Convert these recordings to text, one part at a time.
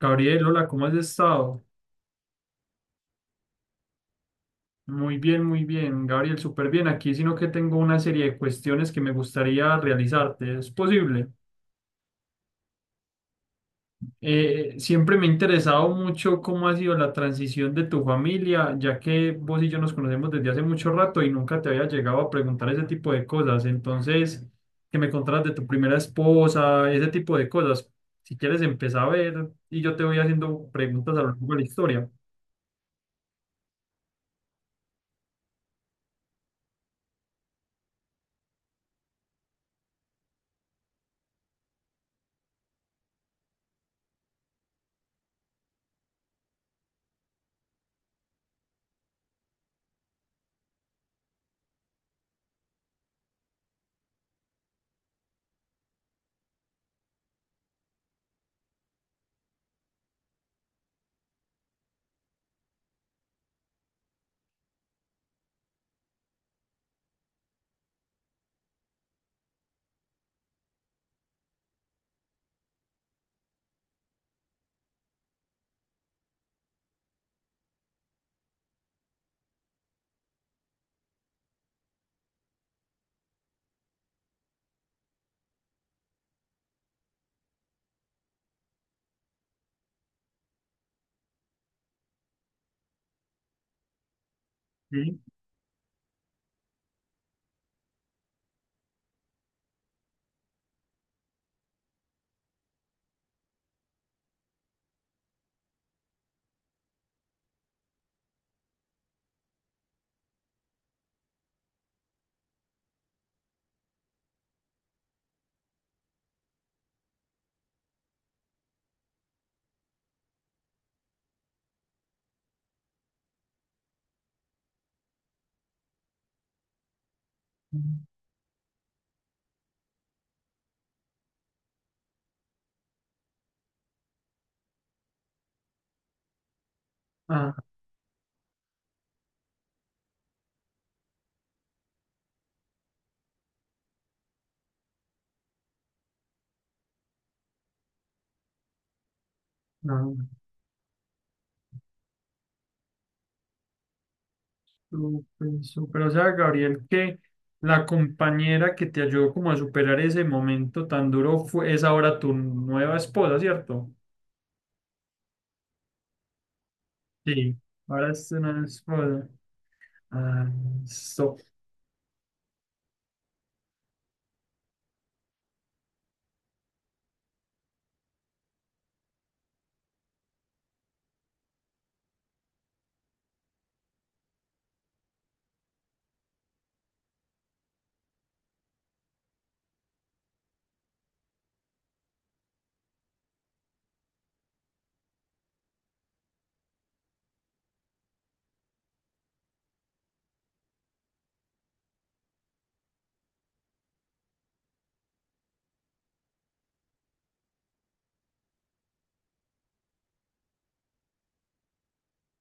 Gabriel, hola, ¿cómo has estado? Muy bien, Gabriel, súper bien aquí, sino que tengo una serie de cuestiones que me gustaría realizarte. ¿Es posible? Siempre me ha interesado mucho cómo ha sido la transición de tu familia, ya que vos y yo nos conocemos desde hace mucho rato y nunca te había llegado a preguntar ese tipo de cosas. Entonces, que me contaras de tu primera esposa, ese tipo de cosas. Si quieres, empezar a ver y yo te voy haciendo preguntas a lo largo de la historia. Sí. Ah, no. Súper, súper. O sea, Gabriel, que la compañera que te ayudó como a superar ese momento tan duro fue, es ahora tu nueva esposa, ¿cierto? Sí, ahora es una esposa. Ah, so-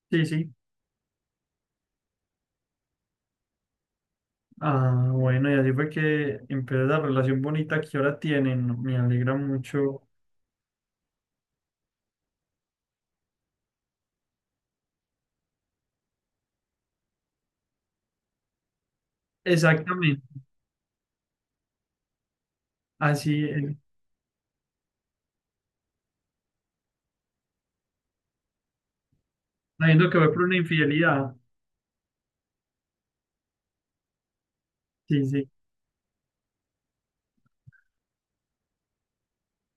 sí, sí. Ah, bueno, y así fue que empezó la relación bonita que ahora tienen. Me alegra mucho. Exactamente. Así es. Sabiendo que fue por una infidelidad. Sí, sí.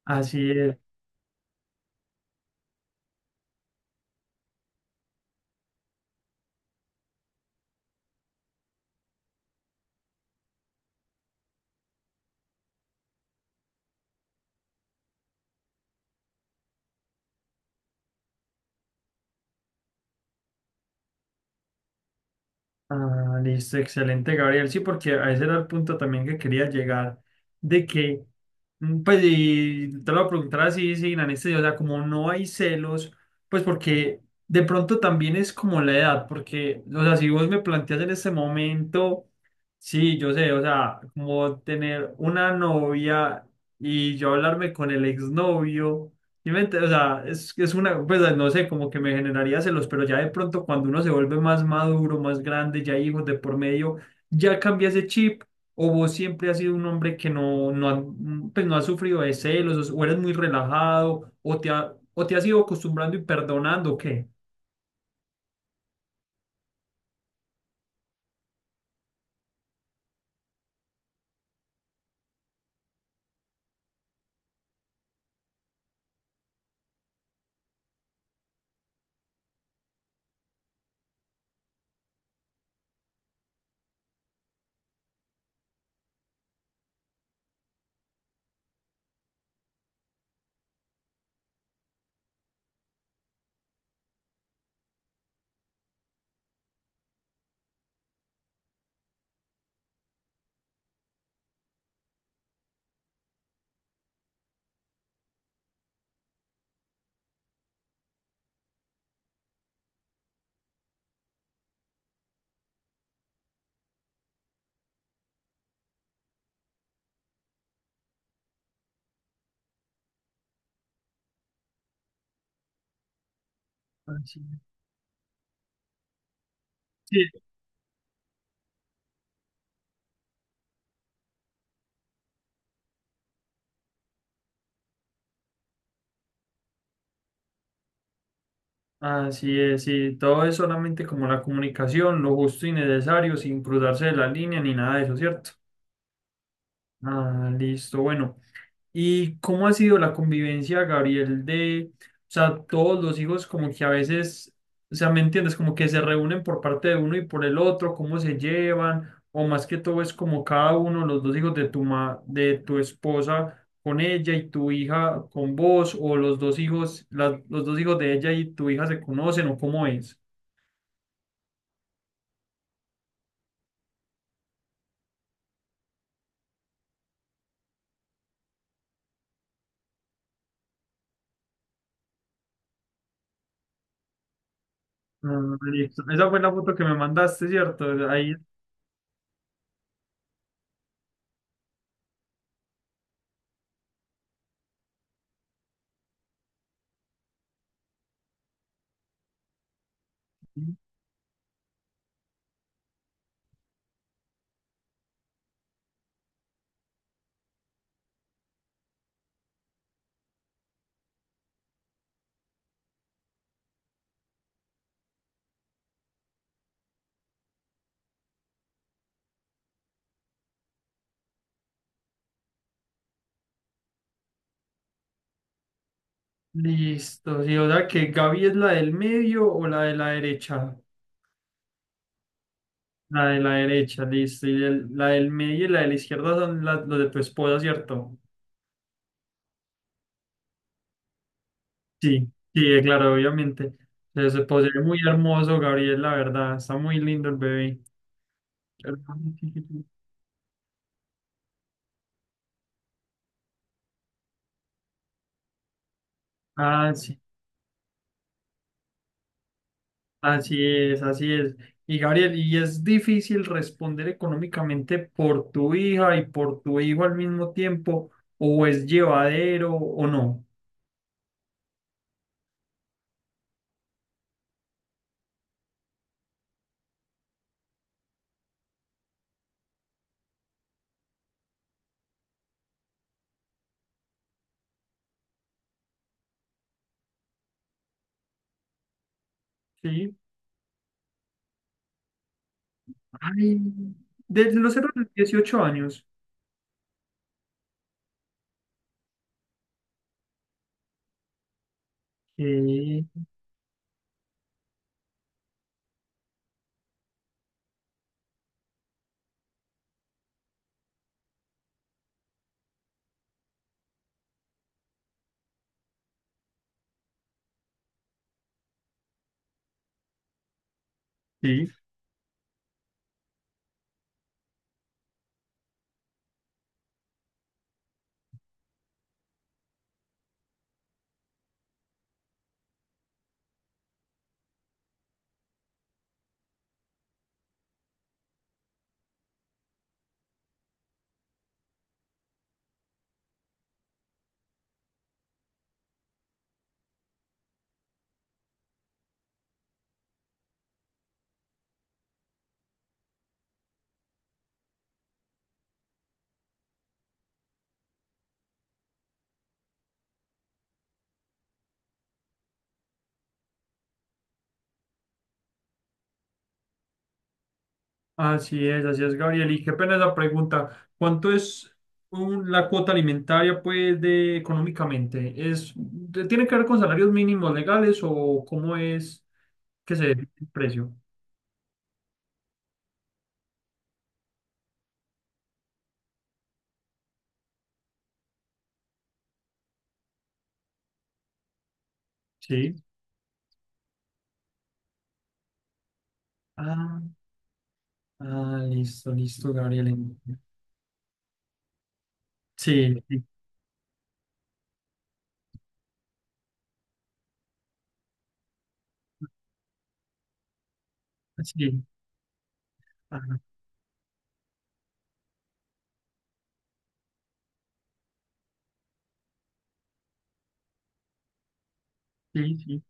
Así es. Ah, listo, excelente, Gabriel. Sí, porque a ese era el punto también que quería llegar, de que, pues, y te lo voy a preguntar así, sin anestesia, o sea, como no hay celos, pues porque de pronto también es como la edad, porque, o sea, si vos me planteas en este momento, sí, yo sé, o sea, como tener una novia y yo hablarme con el exnovio. Sí, o sea, es una, pues no sé, como que me generaría celos, pero ya de pronto cuando uno se vuelve más maduro, más grande, ya hay hijos de por medio, ya cambia ese chip, o vos siempre has sido un hombre que pues no has sufrido de celos, o eres muy relajado, o o te has ido acostumbrando y perdonando, ¿o qué? Así es. Sí, así es, sí, todo es solamente como la comunicación, lo justo y necesario, sin cruzarse de la línea ni nada de eso, ¿cierto? Ah, listo, bueno. ¿Y cómo ha sido la convivencia, Gabriel, de, o sea, todos los hijos como que a veces, o sea, ¿me entiendes? Como que se reúnen por parte de uno y por el otro, cómo se llevan, o más que todo es como cada uno, los dos hijos de de tu esposa con ella y tu hija con vos, o los dos hijos, los dos hijos de ella y tu hija se conocen, o cómo es. Ah, listo. Esa fue la foto que me mandaste, ¿cierto? Ahí, listo. Sí, o sea, que Gaby es la del medio o la de la derecha. La de la derecha, listo. Y la del medio y la de la izquierda son las, los de tu esposa, ¿cierto? Sí, sí, claro, obviamente. Se posee muy hermoso, Gabriel, la verdad. Está muy lindo el bebé. Hermoso, chiquito. Ah, sí, así es, así es. Y Gabriel, y es difícil responder económicamente por tu hija y por tu hijo al mismo tiempo, o es llevadero o no. Sí. Ay, desde los 0 a los 18 años. Sí, sí. Así es, Gabriel. Y qué pena esa pregunta. ¿Cuánto es la cuota alimentaria, pues, de económicamente? ¿Es, tiene que ver con salarios mínimos legales o cómo es que se define el precio? Sí. Ah, ah, listo, listo, Gabriel. En- Sí, sí, sí, ajá, sí, sí.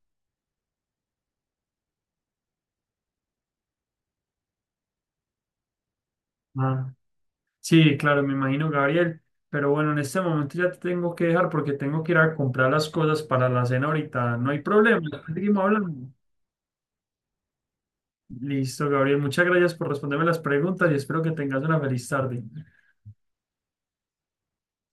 Ah, sí, claro, me imagino, Gabriel. Pero bueno, en este momento ya te tengo que dejar porque tengo que ir a comprar las cosas para la cena ahorita. No hay problema. Seguimos hablando. Listo, Gabriel. Muchas gracias por responderme las preguntas y espero que tengas una feliz tarde.